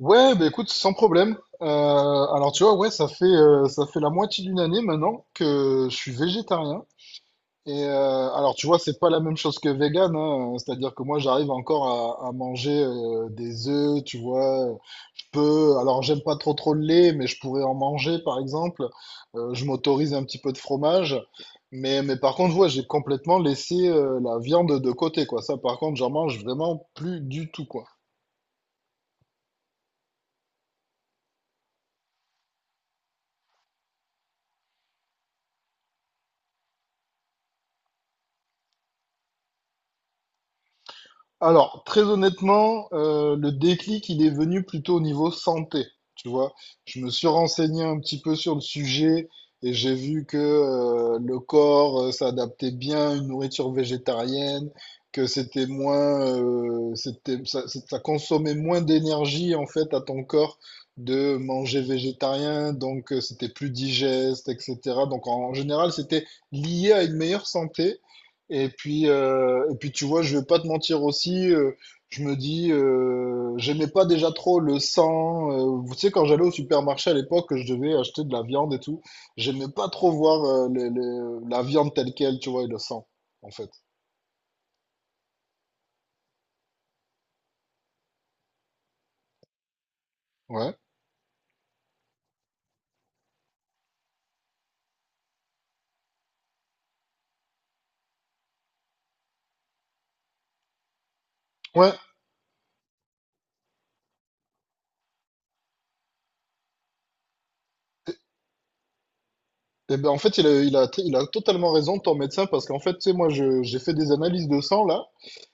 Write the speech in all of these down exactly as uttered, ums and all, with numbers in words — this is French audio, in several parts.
Ouais, bah écoute, sans problème. Euh, alors tu vois, ouais, ça fait euh, ça fait la moitié d'une année maintenant que je suis végétarien. Et euh, alors tu vois, c'est pas la même chose que vegan, hein. C'est-à-dire que moi, j'arrive encore à, à manger euh, des œufs, tu vois. Je peux, alors j'aime pas trop trop le lait, mais je pourrais en manger, par exemple. Euh, je m'autorise un petit peu de fromage. Mais, mais par contre, ouais, j'ai complètement laissé euh, la viande de côté, quoi. Ça, par contre, j'en mange vraiment plus du tout, quoi. Alors, très honnêtement, euh, le déclic, il est venu plutôt au niveau santé, tu vois. Je me suis renseigné un petit peu sur le sujet et j'ai vu que euh, le corps euh, s'adaptait bien à une nourriture végétarienne, que c'était moins, euh, c'était, ça, c'est- ça consommait moins d'énergie en fait à ton corps de manger végétarien, donc euh, c'était plus digeste, et cetera. Donc en général, c'était lié à une meilleure santé, et puis, euh, et puis tu vois, je vais pas te mentir aussi, euh, je me dis, euh, j'aimais pas déjà trop le sang. Euh, vous savez, quand j'allais au supermarché à l'époque, que je devais acheter de la viande et tout, j'aimais pas trop voir euh, les- les- la viande telle quelle, tu vois, et le sang, en fait. Ouais. Ouais. Et ben en fait, il a, il a, il a totalement raison, ton médecin, parce qu'en fait, tu sais, moi, je, j'ai fait des analyses de sang là,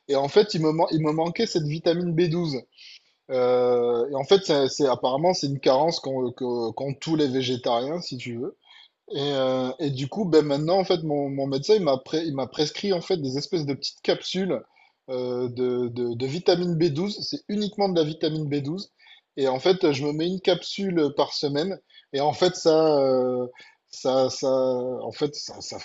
et en fait, il me, man- il me manquait cette vitamine B douze. Euh, et en fait, c'est c'est- apparemment, c'est une carence qu'ont que- qu'ont tous les végétariens, si tu veux. Et, euh, et du coup, ben maintenant, en fait, mon, mon médecin, il m'a pré- il m'a prescrit en fait des espèces de petites capsules euh, de, de, de vitamine B douze. C'est uniquement de la vitamine B douze. Et en fait, je me mets une capsule par semaine. Et en fait, ça, euh, ça, ça, en fait, ça, ça,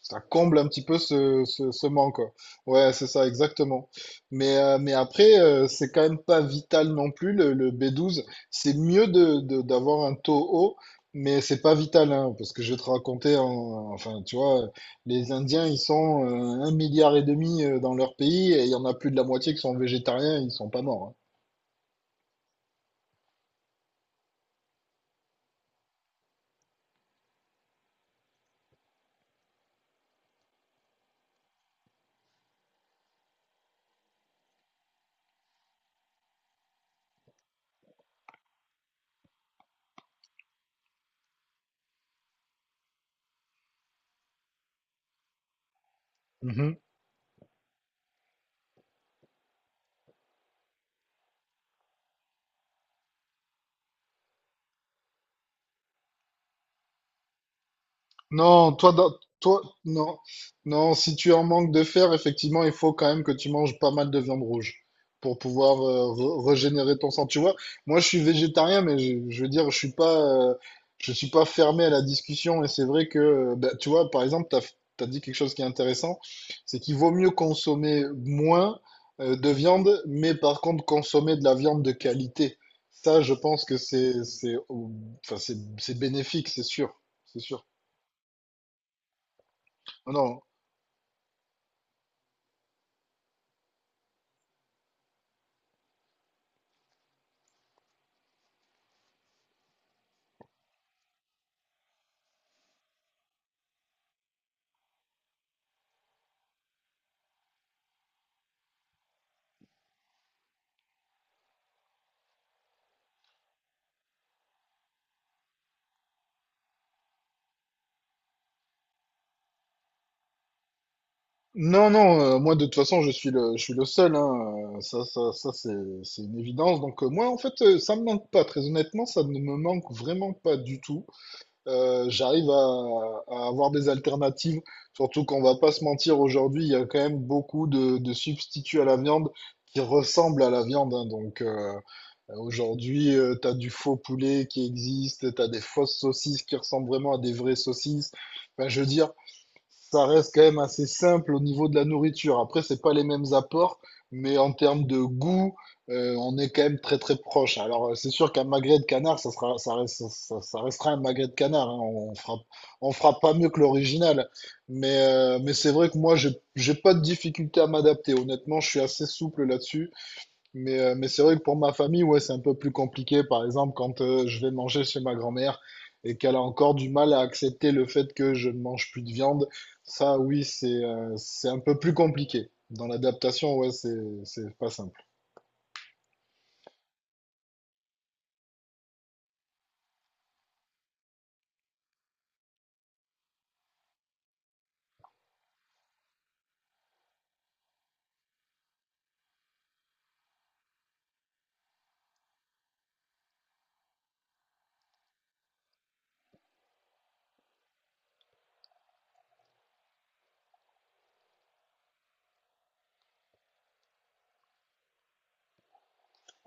ça comble un petit peu ce, ce, ce manque, quoi. Ouais, c'est ça, exactement. Mais, euh, mais après, euh, c'est quand même pas vital non plus, le, le B douze. C'est mieux de, de- d'avoir un taux haut, mais c'est pas vital, hein, parce que je vais te raconter, en- enfin, tu vois, les Indiens, ils sont euh, un milliard et demi euh, dans leur pays, et il y en a plus de la moitié qui sont végétariens, ils sont pas morts. Hein. Non, toi, dans- toi, non, non, si tu es en manque de fer, effectivement, il faut quand même que tu manges pas mal de viande rouge pour pouvoir euh, re- régénérer ton sang. Tu vois, moi, je suis végétarien, mais je, je veux dire, je suis pas, euh, je suis pas fermé à la discussion. Et c'est vrai que, euh, bah, tu vois, par exemple, t'as, t'as dit quelque chose qui est intéressant, c'est qu'il vaut mieux consommer moins euh, de viande, mais par contre, consommer de la viande de qualité. Ça, je pense que c'est, c'est, enfin, c'est c'est bénéfique, c'est sûr, c'est sûr. Non, non. Non, non, euh, moi de toute façon je suis le, je suis le seul, hein, euh, ça, ça, ça c'est, c'est une évidence. Donc euh, moi en fait euh, ça me manque pas, très honnêtement ça ne me manque vraiment pas du tout. Euh, j'arrive à, à avoir des alternatives, surtout qu'on va pas se mentir aujourd'hui, il y a quand même beaucoup de, de substituts à la viande qui ressemblent à la viande. Hein. Donc euh, aujourd'hui tu t'as du faux poulet qui existe, t'as des fausses saucisses qui ressemblent vraiment à des vraies saucisses. Ben, je veux dire ça reste quand même assez simple au niveau de la nourriture. Après, c'est pas les mêmes apports, mais en termes de goût, euh, on est quand même très très proche. Alors, euh, c'est sûr qu'un magret de canard, ça sera, ça reste- ça- ça restera un magret de canard. Hein. On fera, on fera pas mieux que l'original. Mais, euh, mais c'est vrai que moi, j'ai j'ai pas de difficulté à m'adapter. Honnêtement, je suis assez souple là-dessus. Mais, euh, mais c'est vrai que pour ma famille, ouais, c'est un peu plus compliqué. Par exemple, quand euh, je vais manger chez ma grand-mère et qu'elle a encore du mal à accepter le fait que je ne mange plus de viande, ça, oui, c'est euh, c'est un peu plus compliqué. Dans l'adaptation, ouais, c'est c'est pas simple.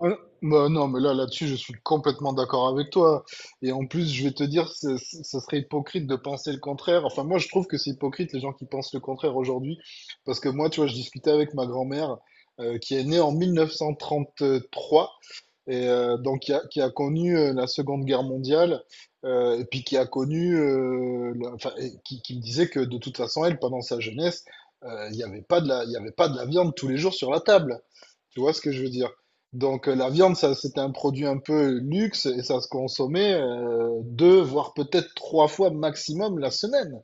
Euh, Bah non, mais là, là-dessus, je suis complètement d'accord avec toi. Et en plus, je vais te dire, ce ce- ce serait hypocrite de penser le contraire. Enfin, moi, je trouve que c'est hypocrite les gens qui pensent le contraire aujourd'hui. Parce que moi, tu vois, je discutais avec ma grand-mère, euh, qui est née en mille neuf cent trente-trois et euh, donc qui a, qui a connu euh, la Seconde Guerre mondiale, euh, et puis qui a connu, euh, la- enfin, et qui, qui me disait que de toute façon, elle, pendant sa jeunesse, euh, il n'y avait pas de la, il y avait pas de la viande tous les jours sur la table. Tu vois ce que je veux dire? Donc euh, la viande, ça, c'était un produit un peu luxe et ça se consommait euh, deux, voire peut-être trois fois maximum la semaine.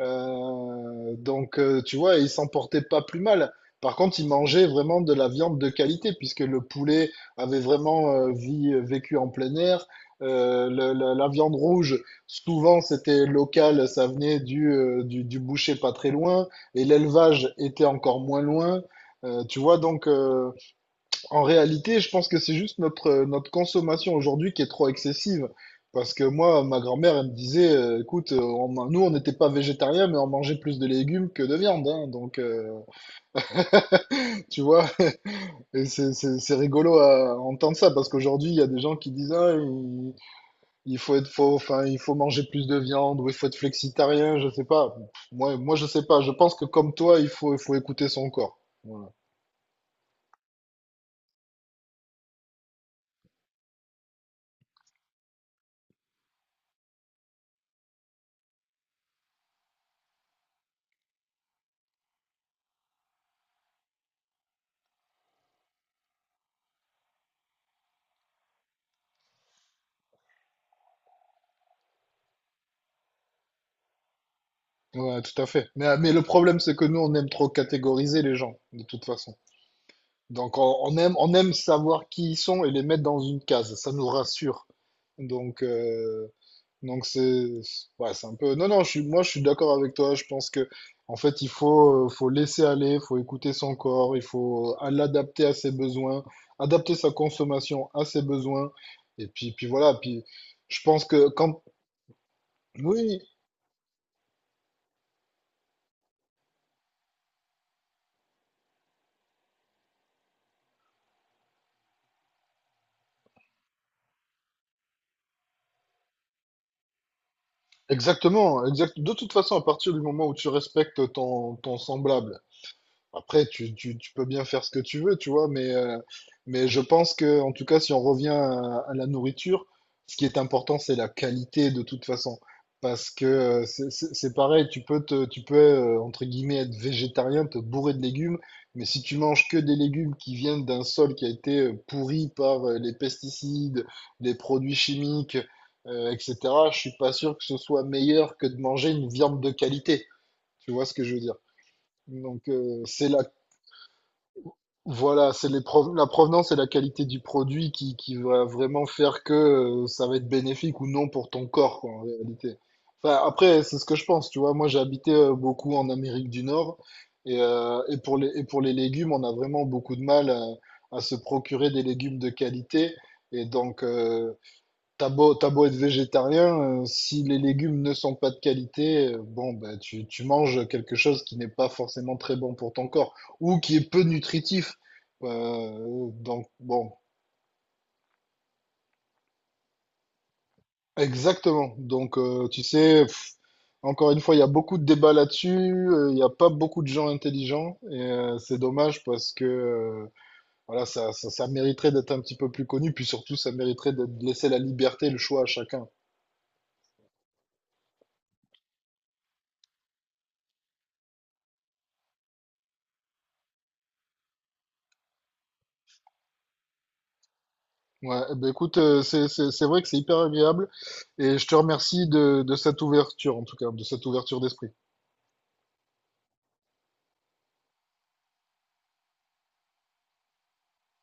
Euh, donc, euh, tu vois, ils s'en portaient pas plus mal. Par contre, ils mangeaient vraiment de la viande de qualité, puisque le poulet avait vraiment euh, vie- euh, vécu en plein air. Euh, le- la, la viande rouge, souvent, c'était local, ça venait du, euh, du, du boucher pas très loin, et l'élevage était encore moins loin. Euh, tu vois, donc, euh, en réalité, je pense que c'est juste notre, euh, notre consommation aujourd'hui qui est trop excessive. Parce que moi, ma grand-mère, elle me disait, euh, écoute, euh, on- man- nous, on n'était pas végétariens, mais on mangeait plus de légumes que de viande. Hein. Donc, euh, tu vois, et c'est c'est- c'est rigolo à entendre ça, parce qu'aujourd'hui, il y a des gens qui disent, ah, il, il faut être faux, enfin, il faut manger plus de viande, ou il faut être flexitarien, je sais pas. Moi, moi, je sais pas. Je pense que comme toi, il faut, il faut écouter son corps. Ouais, tout à fait. Mais, mais le problème, c'est que nous, on aime trop catégoriser les gens, de toute façon. Donc, on, on aime, on aime savoir qui ils sont et les mettre dans une case. Ça nous rassure. Donc, euh, donc c'est, ouais, c'est un peu. Non, non, je suis, moi, je suis d'accord avec toi. Je pense que, en fait, il faut, euh, faut laisser aller, faut écouter son corps, il faut euh, l'adapter à ses besoins, adapter sa consommation à ses besoins. Et puis, puis voilà. Puis, je pense que quand, oui. Exactement, exact. De toute façon, à partir du moment où tu respectes ton, ton semblable, après, tu, tu, tu peux bien faire ce que tu veux, tu vois, mais, euh, mais je pense que, en tout cas, si on revient à, à la nourriture, ce qui est important, c'est la qualité de toute façon. Parce que euh, c'est c'est- c'est pareil, tu peux te, tu peux, euh, entre guillemets, être végétarien, te bourrer de légumes, mais si tu manges que des légumes qui viennent d'un sol qui a été euh, pourri par euh, les pesticides, les produits chimiques, euh, et cetera, je suis pas sûr que ce soit meilleur que de manger une viande de qualité. Tu vois ce que je veux dire? Donc, euh, c'est la voilà, c'est les proven- la provenance et la qualité du produit qui, qui va vraiment faire que euh, ça va être bénéfique ou non pour ton corps, quoi, en réalité. Enfin, après, c'est ce que je pense, tu vois. Moi, j'ai habité euh, beaucoup en Amérique du Nord et, euh, et pour les, et pour les légumes, on a vraiment beaucoup de mal à, à se procurer des légumes de qualité. Et donc, euh, T'as beau, t'as beau être végétarien, euh, si les légumes ne sont pas de qualité, euh, bon, bah, tu, tu manges quelque chose qui n'est pas forcément très bon pour ton corps ou qui est peu nutritif. Euh, donc, bon, exactement. Donc, euh, tu sais, pff, encore une fois, il y a beaucoup de débats là-dessus. euh, Il n'y a pas beaucoup de gens intelligents et euh, c'est dommage parce que euh, voilà, ça, ça, ça mériterait d'être un petit peu plus connu. Puis surtout, ça mériterait de laisser la liberté, le choix à chacun. Ouais, eh ben, écoute, euh, c'est, c'est, c'est vrai que c'est hyper agréable et je te remercie de, de cette ouverture, en tout cas, de cette ouverture d'esprit.